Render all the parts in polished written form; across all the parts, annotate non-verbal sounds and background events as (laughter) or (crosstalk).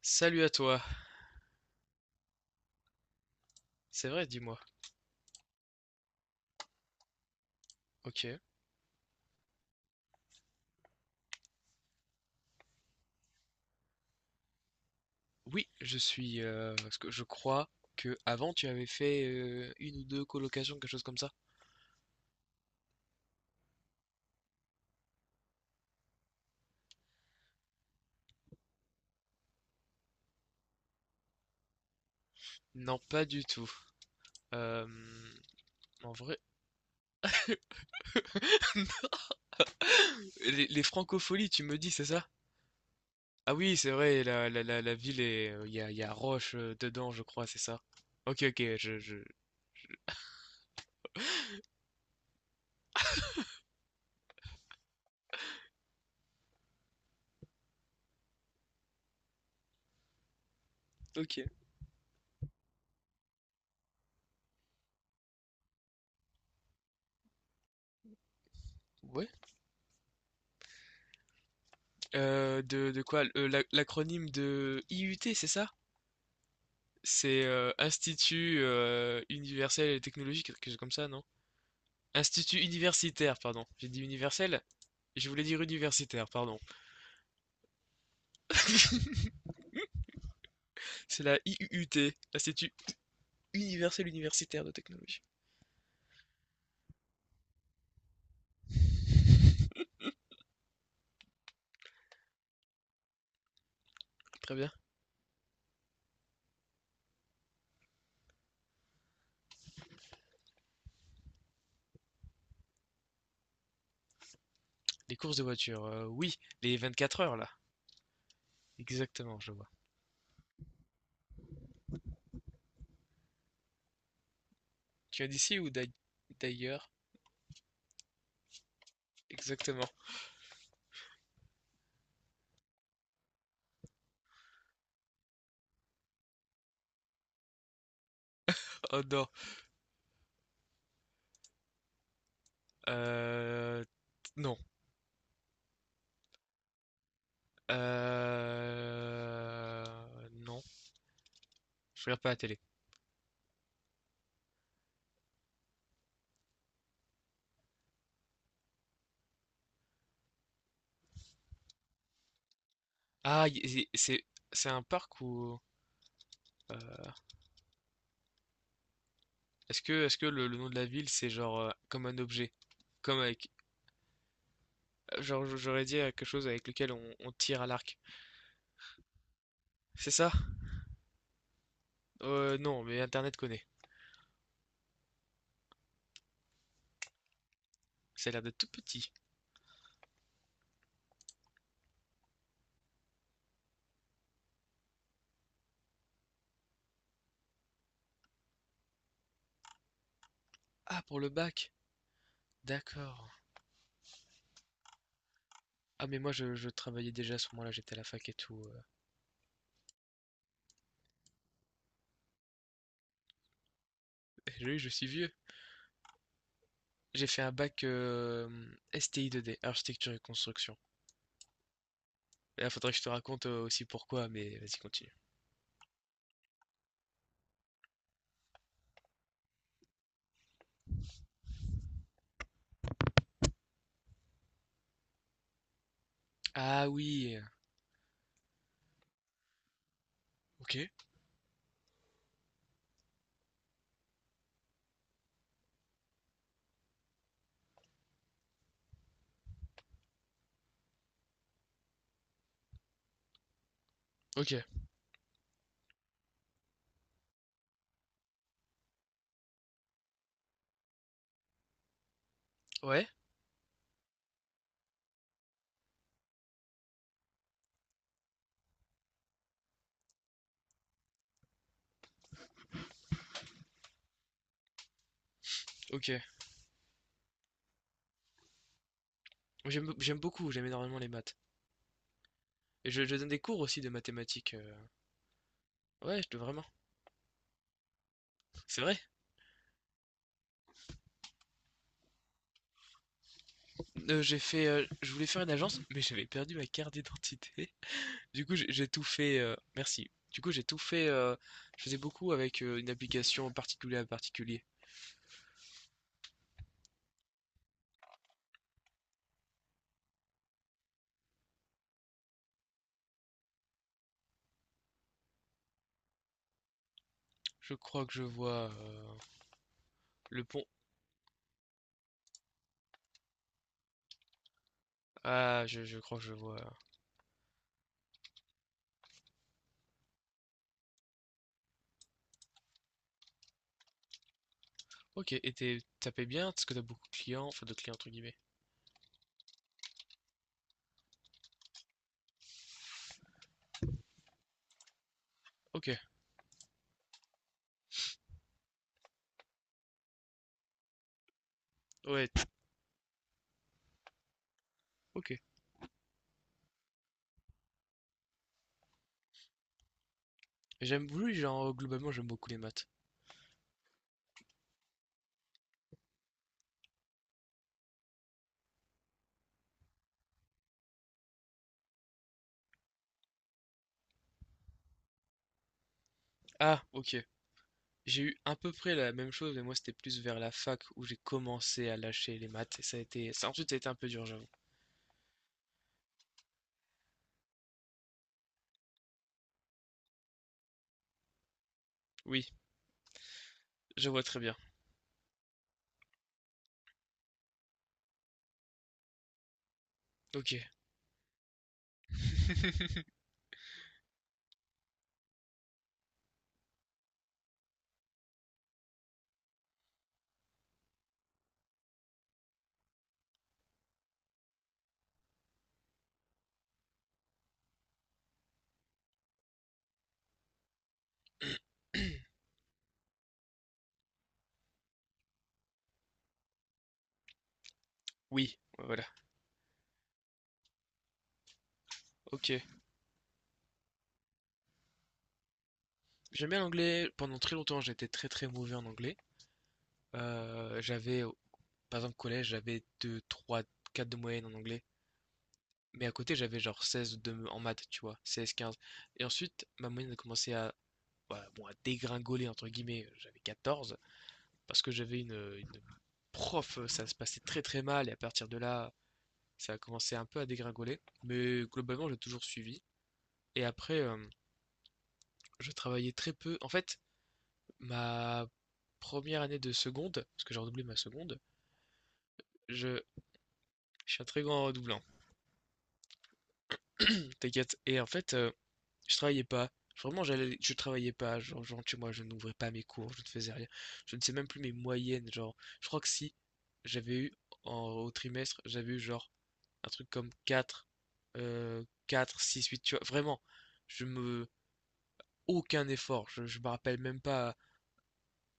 Salut à toi. C'est vrai, dis-moi. Ok. Oui, je suis. Parce que je crois que avant tu avais fait une ou deux colocations, quelque chose comme ça. Non, pas du tout. Euh, En vrai, les francopholies, tu me dis, c'est ça? Ah oui, c'est vrai. La ville est. Il y a Roche dedans, je crois, c'est ça. Ok, ok. Je- Ok. Ouais. De quoi? L'acronyme de IUT, c'est ça? C'est Institut Universel et Technologique, quelque chose comme ça, non? Institut universitaire, pardon. J'ai dit universel? Je voulais dire universitaire, pardon. (laughs) C'est la IUUT, l'Institut universel universitaire de technologie. Très bien. Les courses de voiture, oui, les 24 heures là. Exactement, je vois. Tu as d'ici ou d'ai- D'ailleurs? Exactement. Oh non. Euh, non. Non. Je regarde pas la télé. Ah, y- y- c'est c'est un parc ou euh, est-ce que le nom de la ville c'est genre comme un objet, comme avec. Genre, j'aurais dit quelque chose avec lequel on tire à l'arc. C'est ça? Non, mais Internet connaît. Ça a l'air d'être tout petit. Ah, pour le bac. D'accord. Ah, mais moi, je travaillais déjà à ce moment-là, j'étais à la fac et tout. (laughs) Oui, je suis vieux. J'ai fait un bac STI 2D, architecture et construction. Et là, faudrait que je te raconte aussi pourquoi, mais vas-y, continue. Ah oui, euh, ok, ok, ouais, ok. J'aime beaucoup, j'aime énormément les maths. Et je donne des cours aussi de mathématiques. Ouais, vraiment, c'est vrai. Je voulais faire une agence, mais j'avais perdu ma carte d'identité. (laughs) Du coup, j'ai tout fait, merci. Du coup, j'ai tout fait, je faisais beaucoup avec, une application particulier à particulier. Je crois que je vois, le pont. Ah, je crois que je vois. Ok, et tu, ça paye bien? Parce que t'as beaucoup de clients? Enfin, de clients entre guillemets. Ok, ouais, t- ok. J'aime, oui, genre, globalement, j'aime beaucoup les maths. Ah, ok. J'ai eu à peu près la même chose, mais moi, c'était plus vers la fac où j'ai commencé à lâcher les maths et ça a été ça ensuite, ça a été un peu dur, j'avoue. Oui. Je vois très bien. Ok. (laughs) Oui, voilà. Ok. J'aime bien l'anglais. Pendant très longtemps, j'étais très très mauvais en anglais. Euh, j'avais, Par exemple, collège, j'avais 2, 3, 4 de moyenne en anglais. Mais à côté, j'avais genre 16 de, en maths, tu vois. Seize, 15. Et ensuite, ma moyenne a commencé à, voilà, bon, à dégringoler, entre guillemets. J'avais quatorze. Parce que j'avais une prof, ça se passait très très mal. Et à partir de là, ça a commencé un peu à dégringoler. Mais globalement, j'ai toujours suivi. Et après, je travaillais très peu. En fait, ma première année de seconde, parce que j'ai redoublé ma seconde, je, je suis un très grand redoublant. (clears throat) T'inquiète. Et en fait, je travaillais pas. Vraiment, je travaillais pas. Genre, tu vois, je n'ouvrais pas mes cours, je ne faisais rien. Je ne sais même plus mes moyennes. Genre, je crois que si j'avais eu au trimestre, j'avais eu genre un truc comme 4, euh, 4, 6, 8, tu vois. Vraiment, je me. Aucun effort. Je me rappelle même pas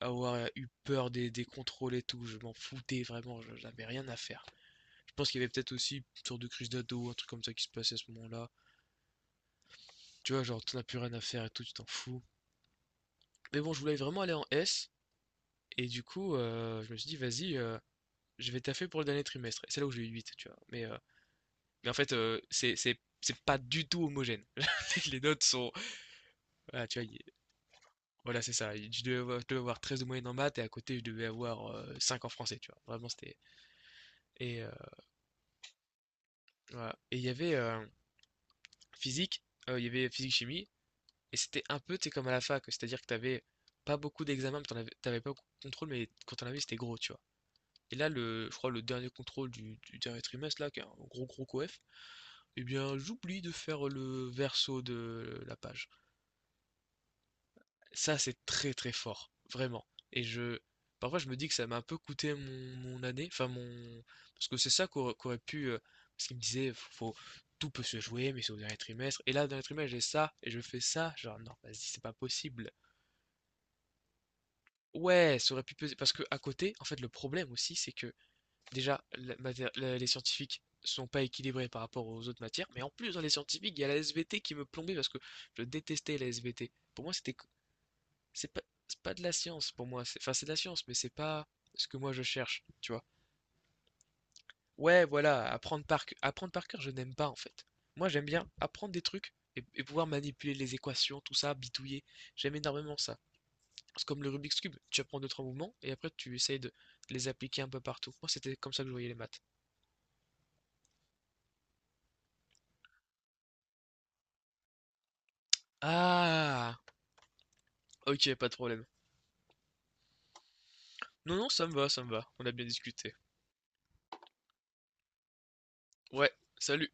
avoir eu peur des contrôles et tout. Je m'en foutais vraiment, j'avais rien à faire. Je pense qu'il y avait peut-être aussi une sorte de crise d'ado, un truc comme ça qui se passait à ce moment-là. Tu vois, genre, t'en as plus rien à faire et tout, tu t'en fous. Mais bon, je voulais vraiment aller en S, et du coup, je me suis dit, vas-y, je vais taffer pour le dernier trimestre. Et c'est là où j'ai eu huit, tu vois. Mais en fait, c'est pas du tout homogène. (laughs) Les notes sont. Voilà, tu vois, voilà, c'est ça. Je devais avoir 13 de moyenne en maths, et à côté, je devais avoir 5 en français, tu vois. Vraiment, c'était. Et, euh, voilà. Et il y avait, physique, il y avait physique-chimie, et c'était un peu, tu sais, comme à la fac, c'est-à-dire que t'avais pas beaucoup d'examens, mais t'en avais, t'avais pas beaucoup de contrôle, mais quand t'en avais, c'était gros, tu vois. Et là, le, je crois, le dernier contrôle du dernier trimestre, là, qui est un gros gros coef, eh bien, j'oublie de faire le verso de la page. Ça, c'est très très fort, vraiment. Et je, Parfois, je me dis que ça m'a un peu coûté mon, mon année, enfin mon, parce que c'est ça qu'aurait pu, parce qu'il me disait, faut, tout peut se jouer, mais c'est au dernier trimestre. Et là, au dernier trimestre, j'ai ça et je fais ça, genre non, vas-y, c'est pas possible. Ouais, ça aurait pu peser, parce que à côté, en fait, le problème aussi, c'est que déjà, les scientifiques sont pas équilibrés par rapport aux autres matières, mais en plus dans les scientifiques, il y a la SVT qui me plombait parce que je détestais la SVT. Pour moi, c'est pas, c'est pas de la science pour moi. Enfin, c'est de la science, mais c'est pas ce que moi je cherche, tu vois. Ouais, voilà, apprendre par cœur, je n'aime pas en fait. Moi, j'aime bien apprendre des trucs et pouvoir manipuler les équations, tout ça, bitouiller. J'aime énormément ça. C'est comme le Rubik's Cube, tu apprends deux, trois mouvements et après tu essayes de les appliquer un peu partout. Moi, c'était comme ça que je voyais les maths. Ah, ok, pas de problème. Non, non, ça me va, ça me va. On a bien discuté. Ouais, salut.